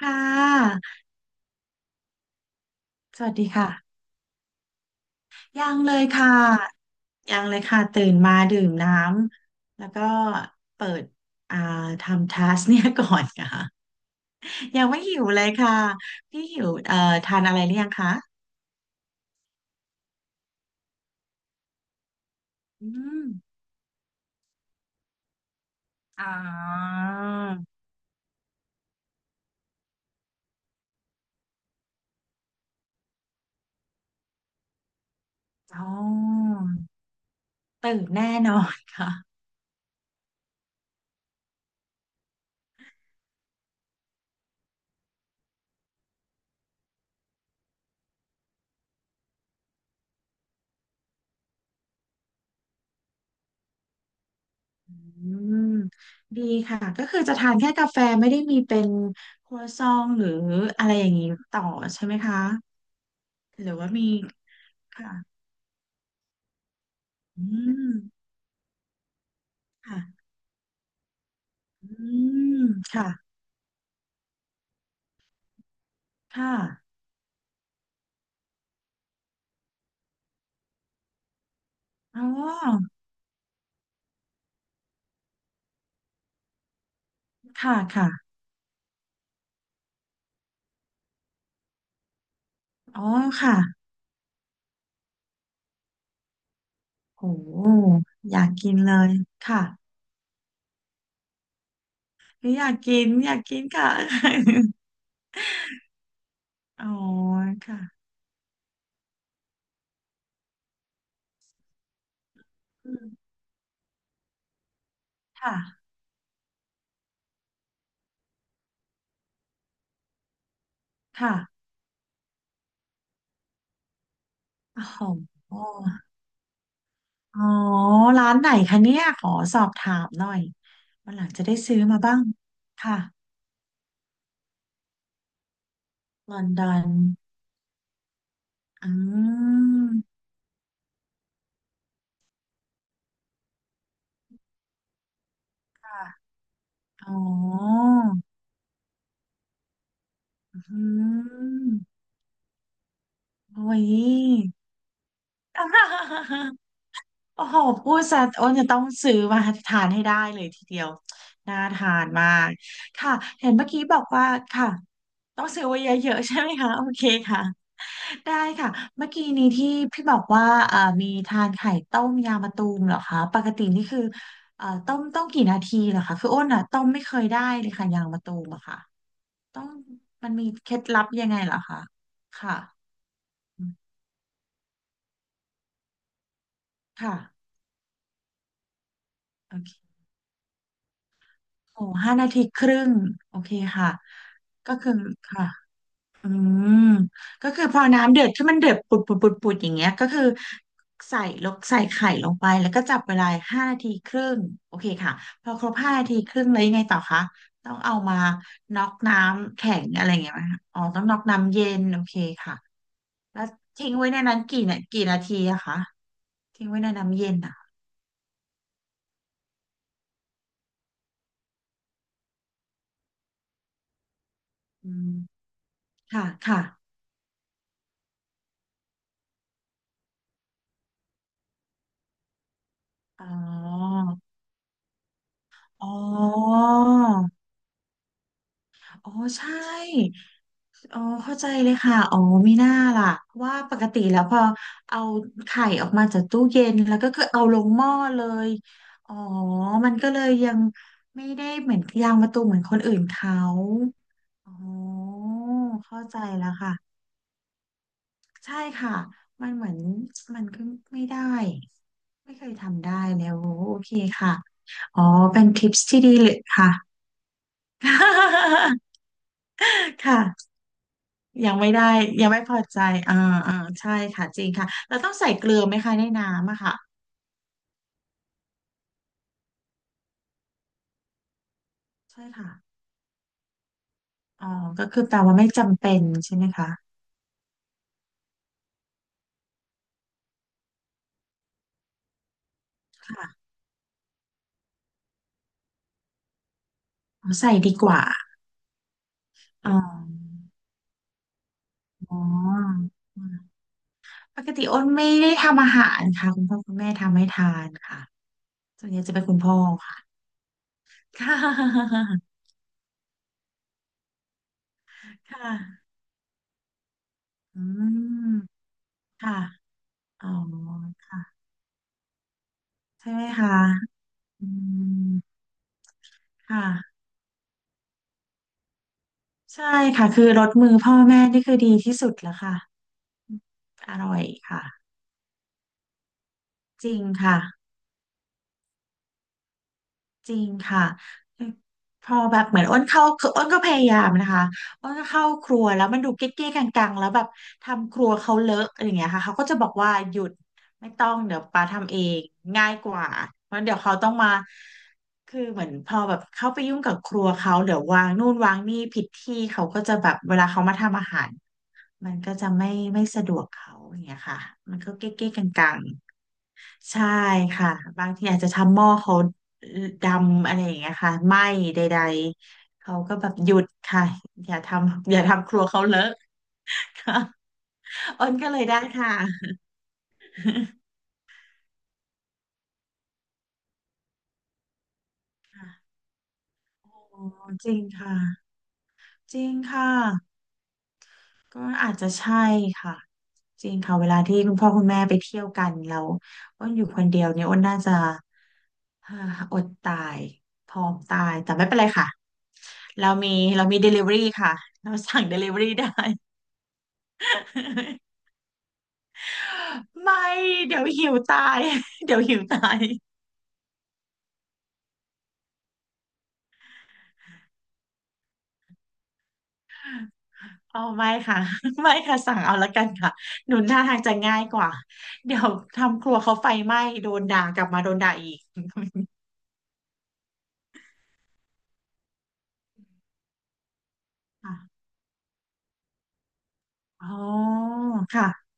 ค่ะสวัสดีค่ะยังเลยค่ะยังเลยค่ะตื่นมาดื่มน้ำแล้วก็เปิดอ่าทำทัสเนี่ยก่อนค่ะยังไม่หิวเลยค่ะพี่หิวทานอะไรหรือยังคะอืมอ๋ออ๋อตื่นแน่นอนค่ะอืมดีค่ะก็คือจะทานแค่กาแฟไม่ได้มีเป็นครัวซองหรืออะไรอย่างนี้ต่อใช่ไหมคะหรือว่ามีค่ะ อืมค่ะอืมค่ะค่ะอ๋อค่ะค่ะอ๋อค่ะโหอยากกินเลยค่ะหรืออยากกินอยากกินค่ะ อ๋อค่ะอืมค่ะค่ะโอ๋ออ๋อร้านไหนคะเนี่ยขอสอบถามหน่อยวันหลังจะได้ซื้อมาบ้างค่ะลอนดอนอืมค่ะอ๋ออืมโอ้ย โอ้โหพูดซะอ้นจะต้องซื้อมาทานให้ได้เลยทีเดียวน่าทานมากค่ะเห็นเมื่อกี้บอกว่าค่ะต้องซื้อไว้เยอะๆใช่ไหมคะโอเคค่ะได้ค่ะเมื่อกี้นี้ที่พี่บอกว่ามีทานไข่ต้มยางมะตูมเหรอคะปกตินี่คือต้มกี่นาทีเหรอคะคืออ้นอ่ะต้มไม่เคยได้เลยค่ะยางมะตูมอะค่ะต้องมันมีเคล็ดลับยังไงเหรอคะค่ะอืมค่ะโอเค โอ้ห้านาทีครึ่งโอเคค่ะก็คือค่ะอืมก็คือพอน้ำเดือดที่มันเดือดปุดปุดอย่างเงี้ยก็คือใส่ไข่ลงไปแล้วก็จับเวลาห้านาทีครึ่งโอเคค่ะพอครบห้านาทีครึ่งแล้วยังไงต่อคะต้องเอามาน็อกน้ำแข็งอะไรอย่างเงี้ยไหมคะอ๋อต้องน็อกน้ำเย็นโอเคค่ะแล้วทิ้งไว้ในนั้นกี่นาทีอะคะทิ้งไว้ในน้ำเย็นอะอืมค่ะค่ะอ๋ออ๋อ อ๋อใช่อ๋อเข้าใจเลยค่ะอ๋อมีหน้าล่ะว่าปกติแล้วพอเอาไข่ออกมาจากตู้เย็นแล้วก็คือเอาลงหม้อเลยอ๋อมันก็เลยยังไม่ได้เหมือนยางมะตูมเหมือนคนอื่นเขาอ๋อเข้าใจแล้วค่ะใช่ค่ะมันเหมือนมันก็ไม่ได้ไม่เคยทำได้แล้วโอเคค่ะอ๋อเป็นทิปส์ที่ดีเลยค่ะ ค่ะ ยังไม่ได้ยังไม่พอใจอ่าอ่าใช่ค่ะจริงค่ะเราต้องใส่เกลือไหมคะในน้ำอะค่ะใช่ค่ะอ๋อก็คือแปลว่าไม่จำเป็นใช่ไหมคะค่ะอ๋อใส่ดีกว่าอ๋ออ๋ออืมปกติอ้นไม่ได้ทำอาหารค่ะคุณพ่อคุณแม่ทำให้ทานค่ะส่วนใหญ่จะเป็นคุณพ่อค่ะ ค่ะค่ะอืมค่ะอ๋อค่ะใช่ไหมคะอืมค่ะ ใช่ค่ะคือรสมือพ่อแม่นี่คือดีที่สุดแล้วค่ะอร่อยค่ะจริงค่ะจริงค่ะพอแบบเหมือนอ้นเข้าคืออ้นก็พยายามนะคะอ้นก็เข้าครัวแล้วมันดูเก๊ะๆกังๆแล้วแบบทำครัวเขาเลอะอะไรอย่างเงี้ยค่ะเขาก็จะบอกว่าหยุดไม่ต้องเดี๋ยวปาทำเองง่ายกว่าเพราะเดี๋ยวเขาต้องมาคือเหมือนพอแบบเข้าไปยุ่งกับครัวเขาเดี๋ยววางนู่นวางนี่ผิดที่เขาก็จะแบบเวลาเขามาทำอาหาร มันก็จะไม่ไม่สะดวกเขาอย่างเงี้ยค่ะมันก็เก๊กๆกังๆใช่ค่ะบางทีอาจจะทำหม้อเขาดำอะไรอย่างเงี้ยค่ะไหม้ใดๆ เขาก็แบบหยุดค่ะ อย่าทำครัวเขาเลอะค่ะ อ้นก็เลยได้ค่ะ ค่ะโอ้จริงค่ะจริงค่ะ ก็อาจจะใช่ค่ะจริงค่ะเวลาที่คุณพ่อคุณแม่ไปเที่ยวกันแล้วอ้นอยู่คนเดียวเนี่ยอ้นน่าจะอ่าอดตายพร้อมตายแต่ไม่เป็นไรค่ะเรามีเรามี Delivery ค่ะเราสั่ง Delivery ได้ ไม่เดี๋ยวหิวตายเดี๋ยวหิวตายอ๋อไม่ค่ะ ไม่ค่ะสั่งเอาละกันค่ะหนุนหน่าทางจะง่ายกว่าเดี๋ยวทำครัวเขาไฟไหม้โดนด่ากลับมาโดนด่าอีก ค่ะอ๋อค่ะ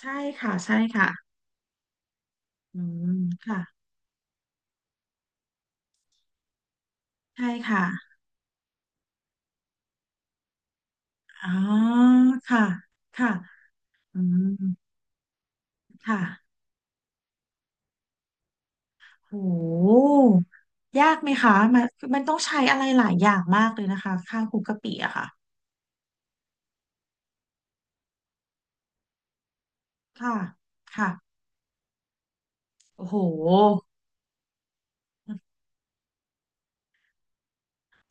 ใช่ค่ะใช่ค่ะอืมค่ะใช่ค่ะอ๋อค่ะค่ะอืมค่ะโหยากไหมคะมันมันต้องใช้อะไรหลายอย่างมากเลยนะคะข้าวคลุกกะปิอะค่ะค่ะค่ะโอ้โห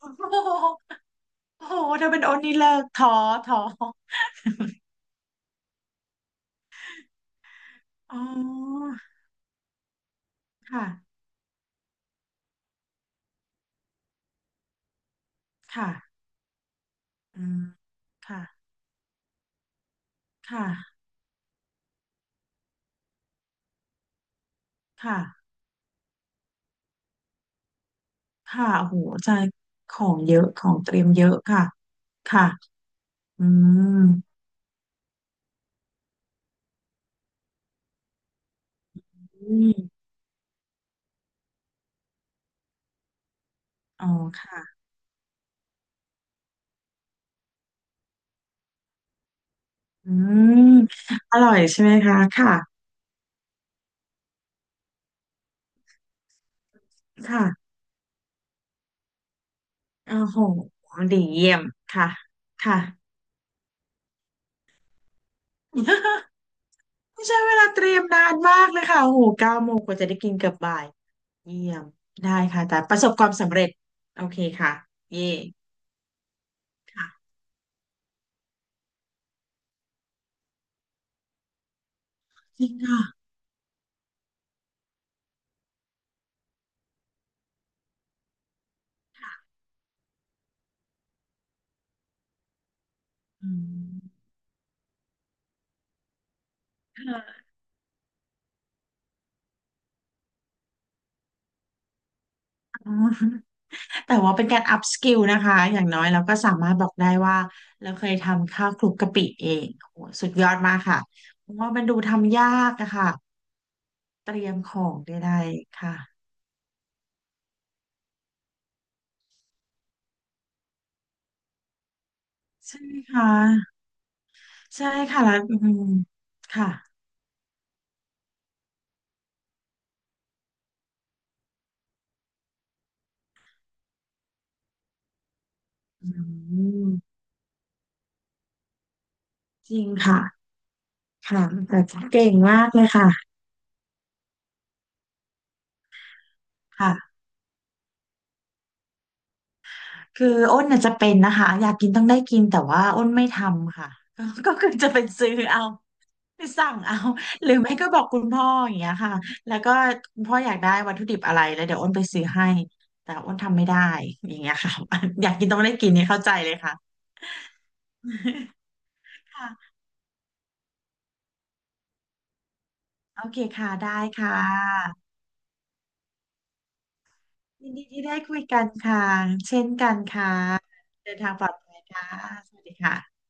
โอ้โหถ้าเป็นโอนนี่เลิกท้อท้ออ๋อค่ะค่ะอืมค่ะค่ะค่ะค่ะโอ้โหใจของเยอะของเตรียมเยอะค่ะค่ะ อืมอืมอ๋อค่ะอืมอร่อยใช่ไหมคะค่ะค่ะโอ้โหดีเยี่ยมค่ะค่ะไม่ใช่เวลาเตรียมนานมากเลยค่ะโอ้โห9 โมงกว่าจะได้กินเกือบบ่ายเยี่ยมได้ค่ะแต่ประสบความสำเร็จโอเคค่ะเย่ค่ะจริงค่ะอืมค่ะอ๋อ แต่ว่าเป็นการอัพสกิลนะคะอย่างน้อยเราก็สามารถบอกได้ว่าเราเคยทำข้าวคลุกกะปิเองโอ้โหสุดยอดมากค่ะเพราะว่ามันดูทำยากอะค่ะเตรียมของได้ๆค่ะใช่ค่ะใช่ค่ะแล้วอืมค่ะอืมจริงค่ะค่ะแต่เก่งมากเลยค่ะค่ะคืออ้นน่ะจะเป็นนะคะอยากกินต้องได้กินแต่ว่าอ้นไม่ทำค่ะก็ก็คือจะเป็นซื้อเอา ไปสั่งเอา หรือไม่ก็บอกคุณพ่ออย่างเงี้ยค่ะแล้วก็คุณพ่ออยากได้วัตถุดิบอะไรแล้วเดี๋ยวอ้นไปซื้อให้แต่อ้นทำไม่ได้อย่างเงี้ยค่ะ อยากกินต้องได้กินเนี่ยเข้าใจเลยค่ะ ค่ะโอเคค่ะได้ค่ะยินดีที่ได้คุยกันค่ะเช่นกันค่ะเดินทางปลอดภัยค่ะสวัสดีค่ะ